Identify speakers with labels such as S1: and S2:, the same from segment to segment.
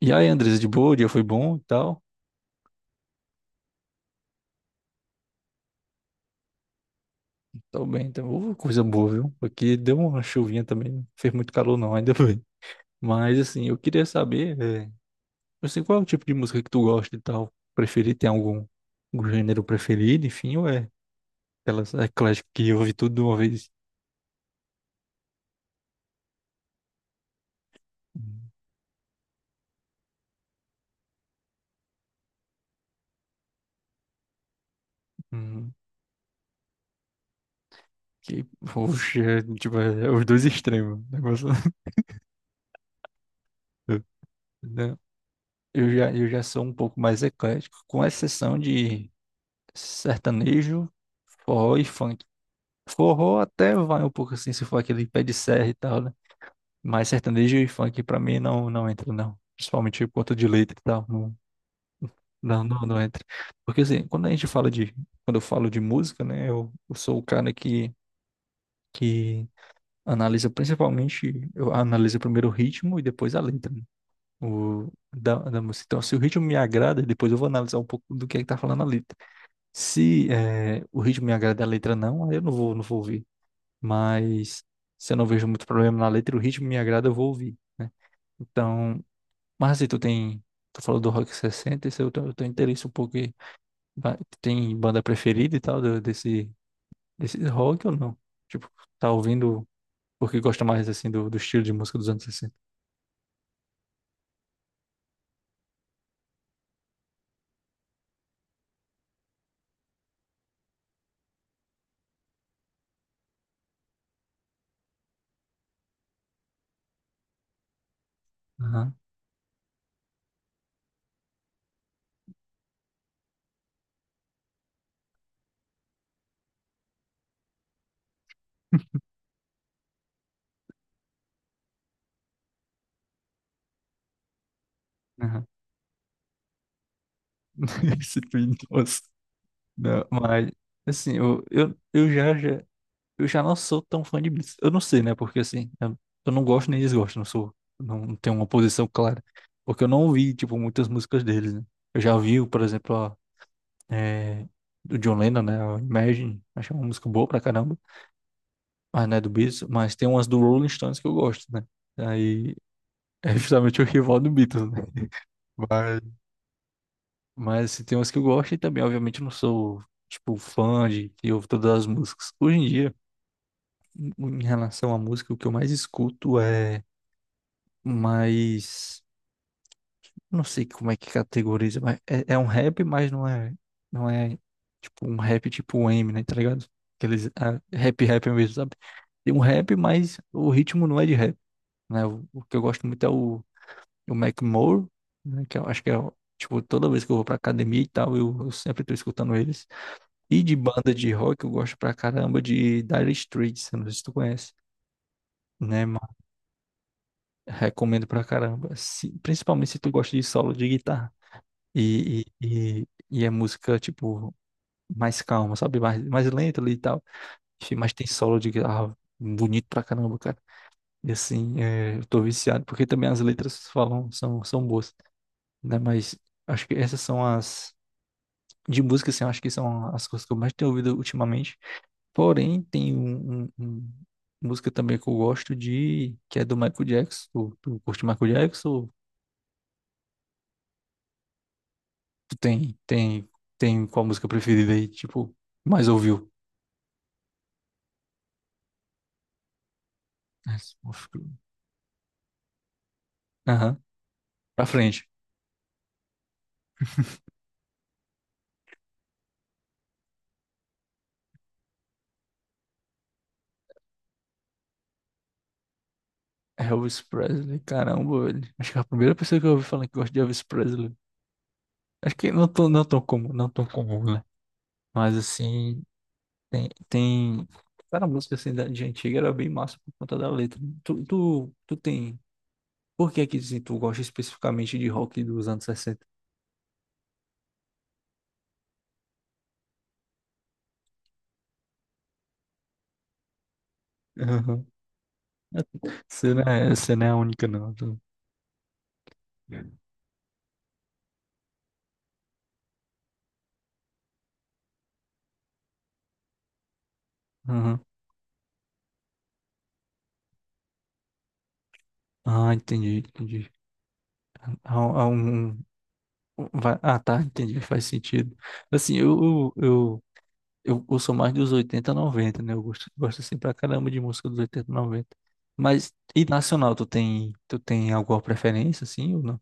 S1: E aí, Andresa, de boa? O dia foi bom e tal? Tô bem, então. Ô, coisa boa, viu? Aqui deu uma chuvinha também, não fez muito calor não, ainda bem. Mas, assim, eu queria saber, assim, qual é o tipo de música que tu gosta e tal? Preferir, tem algum gênero preferido, enfim, ou é aquelas ecléticas que ouve tudo de uma vez? Hum, que, poxa, é, tipo, é os dois extremos, o negócio. Né? Eu já sou um pouco mais eclético, com exceção de sertanejo, forró e funk. Forró até vai um pouco assim, se for aquele pé de serra e tal, né? Mas sertanejo e funk pra mim não entra, não. Principalmente por conta de letra e tal, não entra. Porque assim, quando a gente fala de, quando eu falo de música, né? Eu sou o cara que analisa principalmente, eu analiso primeiro o ritmo e depois a letra, né? Da música. Então, se o ritmo me agrada, depois eu vou analisar um pouco do que é que tá falando a letra. Se o ritmo me agrada e a letra não, aí eu não vou ouvir. Mas se eu não vejo muito problema na letra e o ritmo me agrada, eu vou ouvir, né? Então, mas se tu tem, tu falou do Rock 60, se eu tenho, eu tenho interesse um pouco, tem banda preferida e tal desse rock ou não? Tipo, tá ouvindo porque gosta mais, assim, do estilo de música dos anos 60. Aham, aham. Esse Twin Toes. Não, mas, assim, eu já Eu já não sou tão fã de Blitz. Eu não sei, né? Porque assim, eu não gosto nem desgosto, não sou, não não tenho uma posição clara. Porque eu não ouvi, tipo, muitas músicas deles, né? Eu já ouvi, por exemplo, é, do John Lennon, né? A Imagine, achei uma música boa pra caramba, mas não é do Beatles, mas tem umas do Rolling Stones que eu gosto, né? Aí é justamente o rival do Beatles, né? Mas, mas assim, tem umas que eu gosto e também, obviamente, eu não sou, tipo, fã de que ouve todas as músicas. Hoje em dia, em em relação à música, o que eu mais escuto é, mas não sei como é que categoriza, mas é um rap, mas não é tipo um rap tipo M, né, tá ligado? Aqueles ah, rap rap mesmo, sabe? Tem um rap, mas o ritmo não é de rap, né? O que eu gosto muito o Mac Moore, né, que eu acho que é, tipo, toda vez que eu vou pra academia e tal, eu sempre tô escutando eles. E de banda de rock, eu gosto pra caramba de Dire Straits, eu não sei se tu conhece. Né, mas recomendo pra caramba, principalmente se tu gosta de solo de guitarra. E é música, tipo, mais calma, sabe? Mais lenta ali e tal. Enfim, mas tem solo de guitarra bonito pra caramba, cara. E assim, é, eu tô viciado, porque também as letras falam, são boas, né? Mas acho que essas são as. De música, assim, eu acho que são as coisas que eu mais tenho ouvido ultimamente. Porém, tem música também que eu gosto de, que é do Michael Jackson. Tu curte Michael Jackson? Ou tu tem qual música preferida aí, tipo, mais ouviu? Mas, uf. Aham. Pra frente. Elvis Presley, caramba, velho. Acho que é a primeira pessoa que eu ouvi falar que gosta de Elvis Presley. Acho que não tão comum, não tão comum, né? Mas assim, tem. Cara, a música assim de antiga era bem massa por conta da letra. Tu tem. Por que é que assim, tu gosta especificamente de rock dos anos 60? Aham. Você não é a única, não. Aham. Entendi. Há, há um, Vai- Ah, tá, entendi, faz sentido. Assim, eu sou mais dos 80 90, né? Gosto assim pra caramba de música dos 80 90. Mas, e nacional, tu tem alguma preferência, assim, ou não?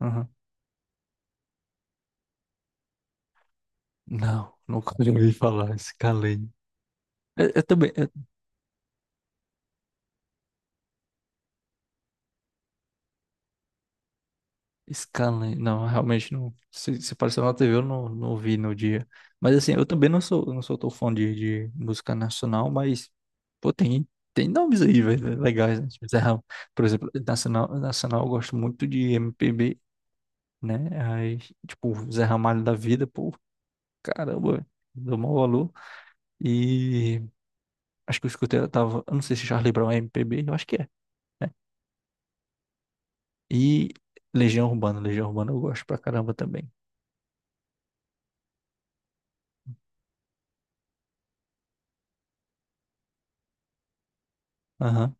S1: Aham. Não, nunca ouvi falar, esse calei. Eu também, é, Scanlan, não, realmente não. Se apareceu na TV, eu não vi no dia. Mas assim, eu também não sou tão fã de música nacional, mas, pô, tem nomes aí, velho, legais, né? Tipo, Por exemplo, nacional eu gosto muito de MPB, né? Aí, tipo, Zé Ramalho da Vida, pô, caramba, velho, dou maior valor. E acho que eu escutei, eu tava, eu não sei se Charlie Brown é MPB, eu acho que é. E Legião Urbana eu gosto pra caramba também. Aham.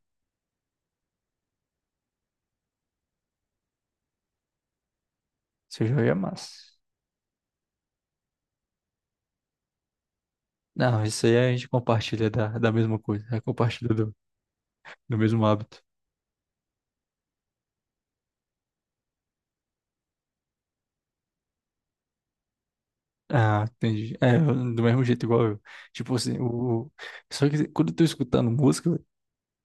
S1: Seu Jorge é massa. Não, isso aí a gente compartilha da mesma coisa, é compartilha do, do mesmo hábito. Ah, entendi. É, do mesmo jeito igual eu. Tipo assim, o, só que quando eu tô escutando música, eu,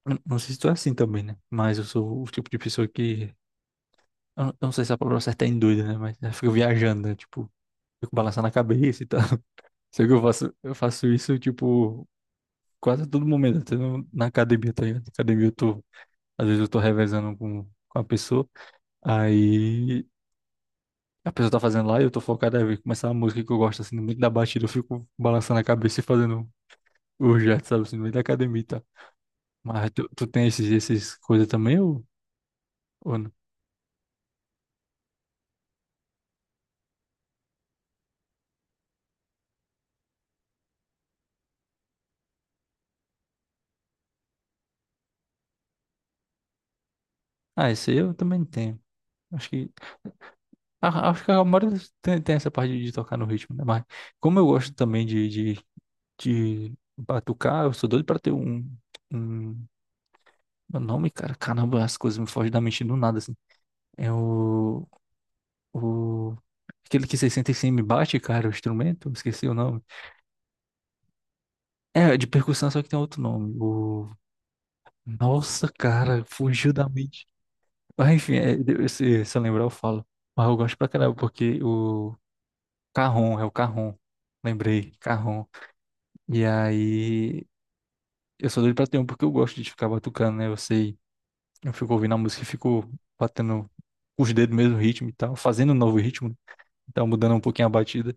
S1: não sei se tu é assim também, né? Mas eu sou o tipo de pessoa que. Eu não sei se a palavra certa é em doida, né? Mas eu fico viajando, né? Tipo, fico balançando a cabeça e tal. Só que eu faço isso, tipo, quase a todo momento, até na academia, tá ligado? Na academia eu tô. Às vezes eu tô revezando com a pessoa. Aí, a pessoa tá fazendo lá e eu tô focado, aí começar uma música que eu gosto, assim, no meio da batida, eu fico balançando a cabeça e fazendo o jet, sabe, assim, no meio da academia, e tal. Mas tu, esses coisas também ou não? Ah, esse aí eu também tenho. Acho que, ah, acho que a maioria tem essa parte de tocar no ritmo, né? Mas como eu gosto também de batucar, eu sou doido pra ter um, um. Meu nome, cara, caramba, as coisas me fogem da mente do nada, assim. É o. Aquele que 65 me bate, cara, o instrumento, esqueci o nome. É, de percussão, só que tem outro nome. O. Nossa, cara, fugiu da mente. Mas enfim, é, se eu lembrar, eu falo. Mas eu gosto pra caramba, porque o Carrom, é o Carrom. Lembrei, Carrom. E aí, eu sou doido pra ter um, porque eu gosto de ficar batucando, né? Eu sei, eu fico ouvindo a música e fico batendo os dedos no mesmo ritmo e tal, fazendo um novo ritmo, então mudando um pouquinho a batida.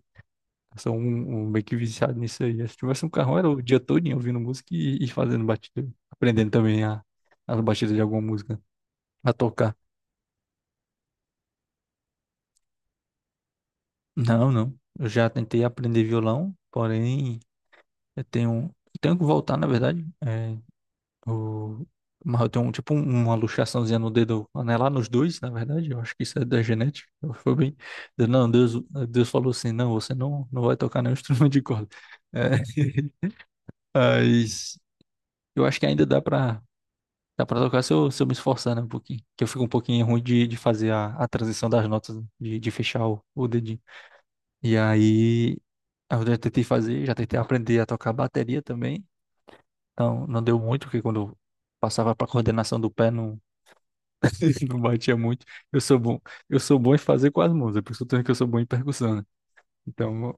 S1: Sou um meio que viciado nisso aí. Se tivesse um carrão, era o dia todinho ouvindo música e fazendo batida. Aprendendo também a, as batidas de alguma música a tocar. Não, não. Eu já tentei aprender violão, porém eu tenho, eu tenho que voltar, na verdade. É, o, mas eu tenho um, uma luxaçãozinha no dedo anelar nos dois, na verdade. Eu acho que isso é da genética. Foi bem. Eu- Não, Deus, Deus falou assim: não, você não vai tocar nenhum instrumento de corda. É, mas eu acho que ainda dá para. Dá pra tocar se se eu me esforçar, né, um pouquinho. Que eu fico um pouquinho ruim de fazer a transição das notas, de fechar o dedinho. E aí, eu já tentei fazer, já tentei aprender a tocar bateria também. Então, não deu muito, porque quando eu passava pra coordenação do pé, não, não batia muito. Eu sou bom, eu sou bom em fazer com as mãos, é por isso que eu sou bom em percussão, né? Então,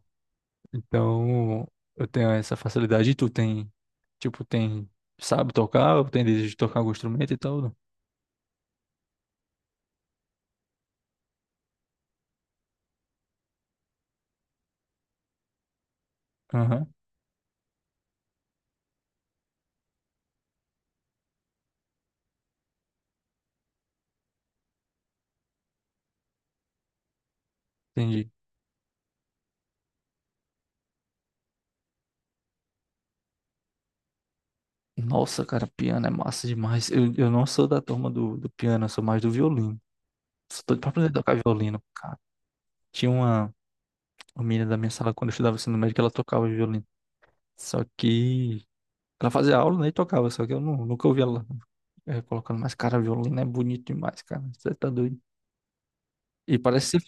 S1: então, eu tenho essa facilidade. E tipo, tem, sabe tocar, ou tem desejo de tocar algum instrumento e tal? Aham, entendi. Nossa, cara, piano é massa demais. Eu não sou da turma do piano, eu sou mais do violino. Sou doido pra aprender a tocar violino, cara. Tinha uma menina da minha sala, quando eu estudava ensino médio, que ela tocava violino. Só que ela fazia aula, né, e tocava, só que eu nunca ouvi ela colocando. Mas, cara, violino é bonito demais, cara. Você tá doido. E parece ser.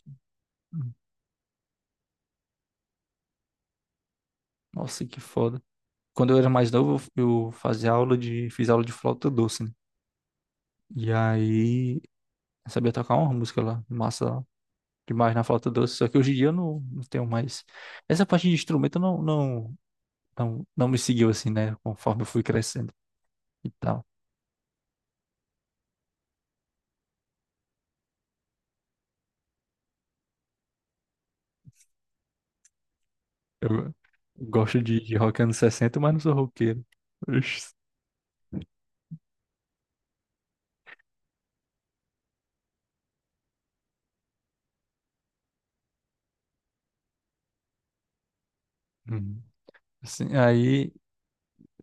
S1: Nossa, que foda. Quando eu era mais novo, eu fazia aula de. Fiz aula de flauta doce, né? E aí, eu sabia tocar uma música lá, massa demais na flauta doce, só que hoje em dia eu não tenho mais. Essa parte de instrumento não me seguiu assim, né? Conforme eu fui crescendo e tal. Eu gosto de rock anos 60, mas não sou roqueiro. Ux. Hum. Assim, aí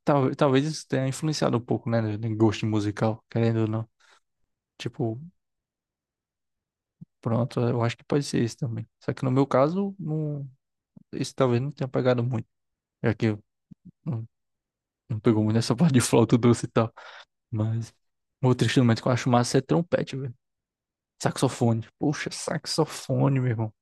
S1: talvez isso tenha influenciado um pouco, né? No gosto musical, querendo ou não. Tipo, pronto, eu acho que pode ser isso também. Só que no meu caso, não, isso talvez não tenha pegado muito, já que eu não, não pegou muito nessa parte de flauta doce e tal. Mas outro instrumento que eu acho massa é trompete, velho. Saxofone. Poxa, saxofone, meu irmão.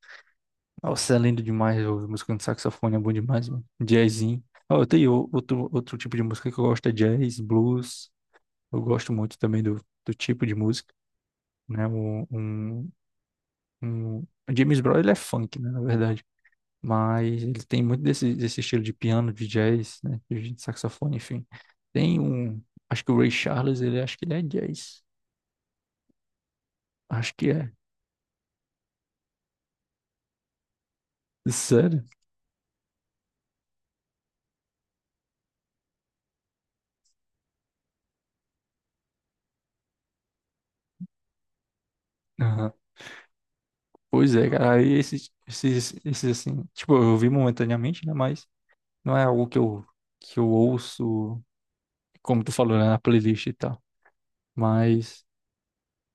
S1: Nossa, é lindo demais ouvir música de saxofone, é bom demais, mano. Jazzinho. Ah, eu tenho outro, outro tipo de música que eu gosto, é jazz, blues. Eu gosto muito também do tipo de música, né? O James Brown, ele é funk, né, na verdade. Mas ele tem muito desse estilo de piano, de jazz, né? De saxofone, enfim. Tem um. Acho que o Ray Charles, ele acho que ele é jazz. Acho que é. Sério? Aham. Pois é, cara, aí esses assim, tipo, eu vi momentaneamente, né, mas não é algo que eu ouço, como tu falou, né, na playlist e tal, mas,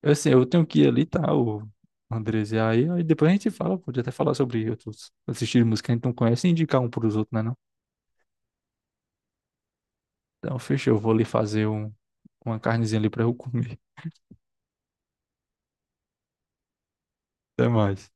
S1: assim, eu tenho que ir ali, tá, o Andres, e aí, aí depois a gente fala, pode até falar sobre outros assistir de música que a gente não conhece e indicar um pros outros, né, não? Então, fechou, eu vou ali fazer um, uma carnezinha ali pra eu comer. Até mais.